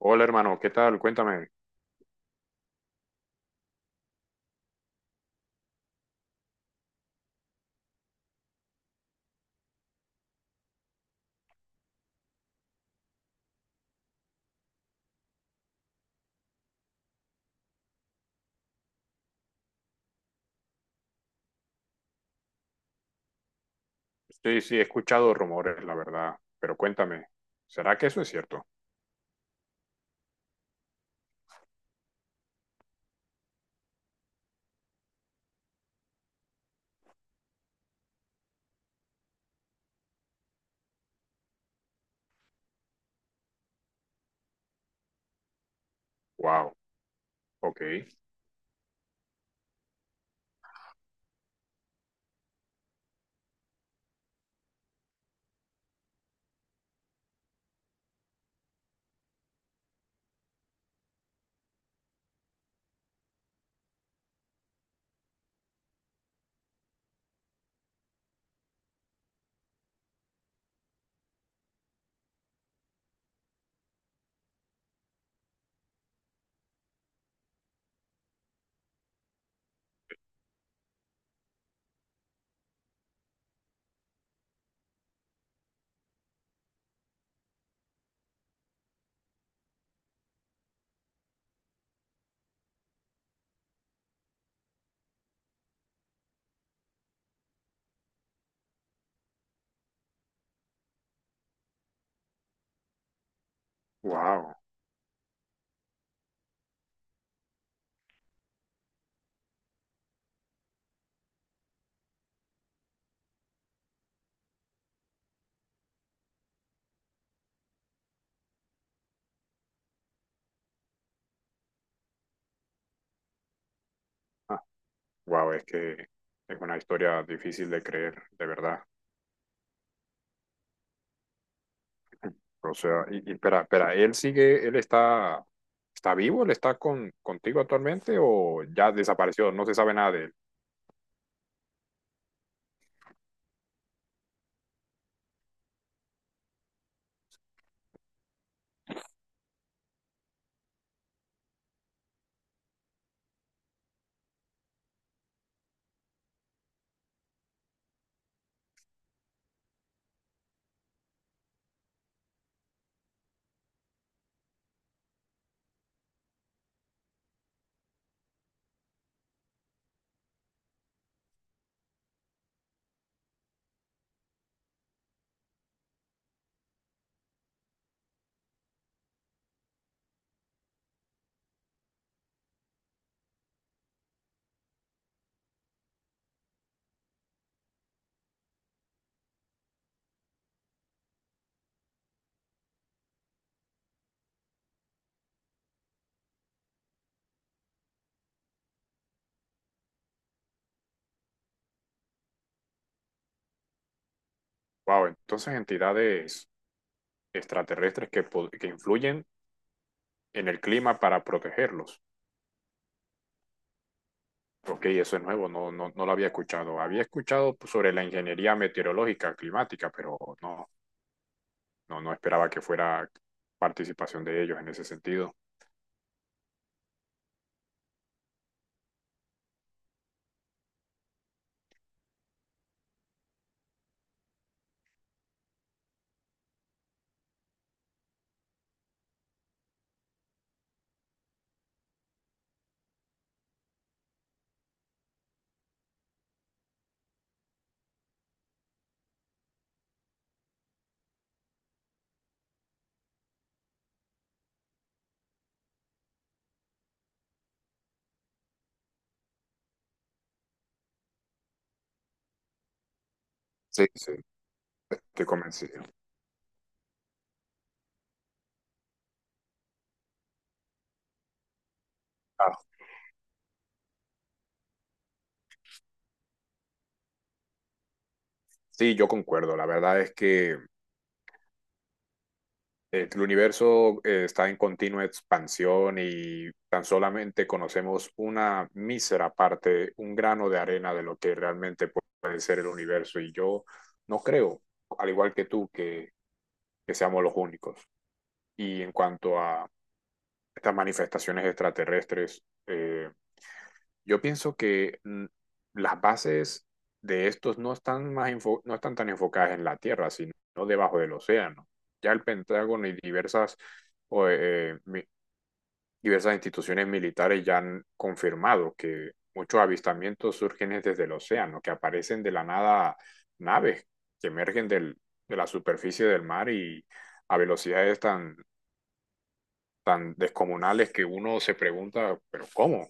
Hola hermano, ¿qué tal? Cuéntame. Sí, sí, he escuchado rumores, la verdad, pero cuéntame, ¿será que eso es cierto? Wow, ok, wow, ah, wow, es que es una historia difícil de creer, de verdad. O sea, y espera, ¿él sigue, él está, está vivo? ¿Él está con, contigo actualmente o ya desapareció? No se sabe nada de él. Wow, entonces entidades extraterrestres que, que influyen en el clima para protegerlos. Ok, eso es nuevo, no, no, no lo había escuchado. Había escuchado pues, sobre la ingeniería meteorológica climática, pero no, no, no esperaba que fuera participación de ellos en ese sentido. Sí, sí. Estoy convencido. Ah, sí, yo concuerdo. La verdad es que el universo está en continua expansión y tan solamente conocemos una mísera parte, un grano de arena de lo que realmente puede ser el universo. Y yo no creo, al igual que tú, que seamos los únicos. Y en cuanto a estas manifestaciones extraterrestres, yo pienso que las bases de estos no están no están tan enfocadas en la Tierra, sino debajo del océano. Ya el Pentágono y diversas, o, eh, mi- diversas instituciones militares ya han confirmado que muchos avistamientos surgen desde el océano, que aparecen de la nada naves que emergen de la superficie del mar y a velocidades tan descomunales que uno se pregunta, pero ¿cómo?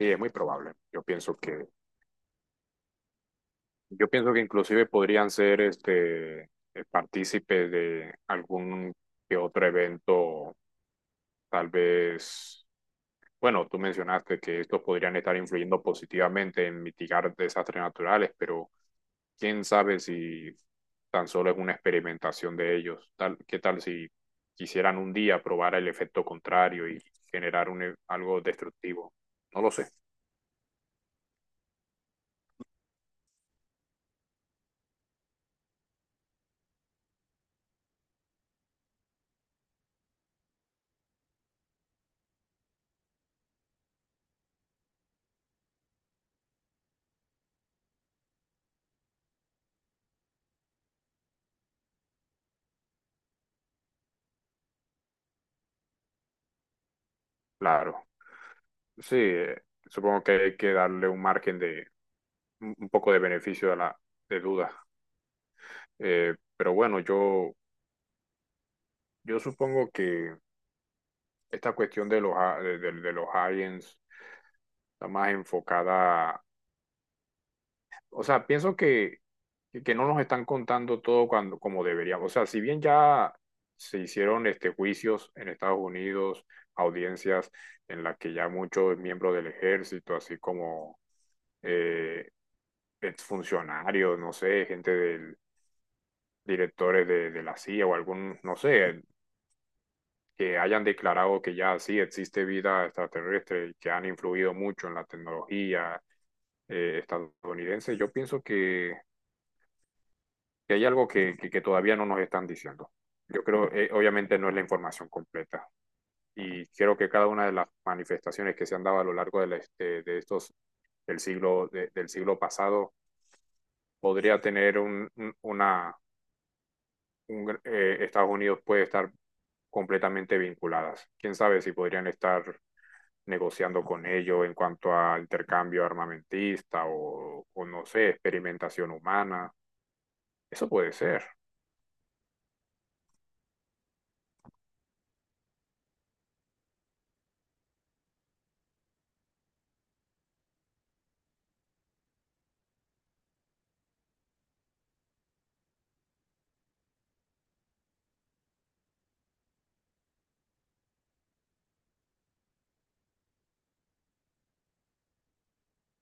Y es muy probable. Yo pienso que inclusive podrían ser este partícipes de algún que otro evento, tal vez. Bueno, tú mencionaste que estos podrían estar influyendo positivamente en mitigar desastres naturales, pero quién sabe si tan solo es una experimentación de ellos. ¿Qué tal si quisieran un día probar el efecto contrario y generar algo destructivo? No lo sé. Claro, sí, supongo que hay que darle un margen de un poco de beneficio de la de duda. Pero bueno, yo supongo que esta cuestión de de los aliens está más enfocada, o sea, que no nos están contando todo cuando, como deberíamos. O sea, si bien ya se hicieron este, juicios en Estados Unidos, audiencias en las que ya muchos miembros del ejército, así como eh, exfuncionarios, no sé, gente del directores de la CIA o algún, no sé, que hayan declarado que ya sí existe vida extraterrestre y que han influido mucho en la tecnología estadounidense, yo pienso que hay algo que todavía no nos están diciendo. Yo creo, obviamente no es la información completa y creo que cada una de las manifestaciones que se han dado a lo largo de estos del siglo pasado podría tener una Estados Unidos puede estar completamente vinculadas. Quién sabe si podrían estar negociando con ellos en cuanto a intercambio armamentista no sé, experimentación humana. Eso puede ser.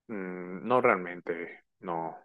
Mm, no realmente, no.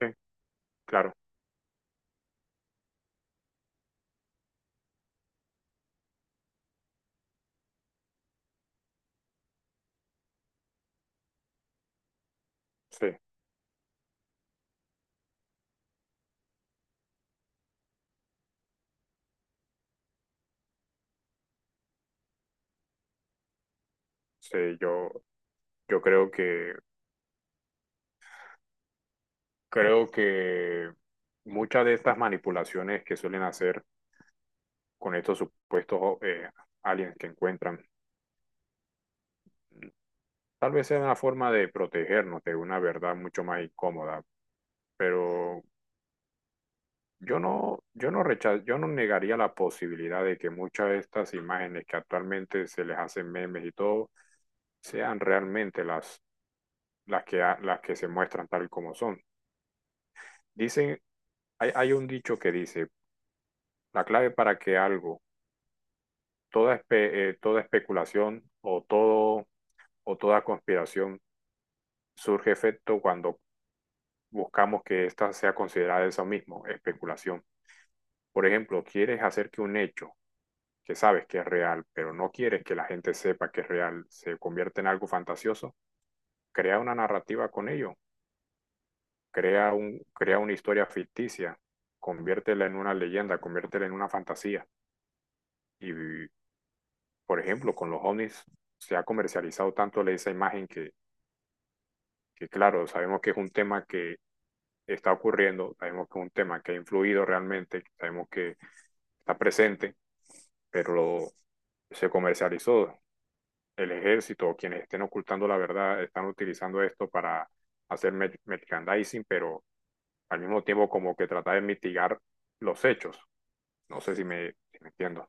Eh, claro, sí, sí, yo creo que, creo que muchas de estas manipulaciones que suelen hacer con estos supuestos aliens que encuentran, tal vez sea una forma de protegernos de una verdad mucho más incómoda, pero yo no negaría la posibilidad de que muchas de estas imágenes que actualmente se les hacen memes y todo, sean realmente las que se muestran tal como son. Dicen, hay un dicho que dice, la clave para que algo, toda especulación o toda conspiración surge efecto cuando buscamos que ésta sea considerada eso mismo, especulación. Por ejemplo, quieres hacer que un hecho que sabes que es real, pero no quieres que la gente sepa que es real, se convierta en algo fantasioso, crea una narrativa con ello, crea una historia ficticia, conviértela en una leyenda, conviértela en una fantasía. Y por ejemplo, con los ovnis se ha comercializado tanto esa imagen que, claro, sabemos que es un tema que está ocurriendo, sabemos que es un tema que ha influido realmente, sabemos que está presente, pero lo, se comercializó. El ejército o quienes estén ocultando la verdad están utilizando esto para hacer merchandising, pero al mismo tiempo como que tratar de mitigar los hechos. No sé si me entiendo.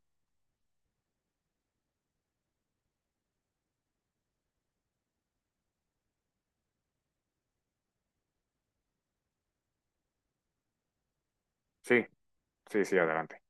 Sí, sí, sí, adelante.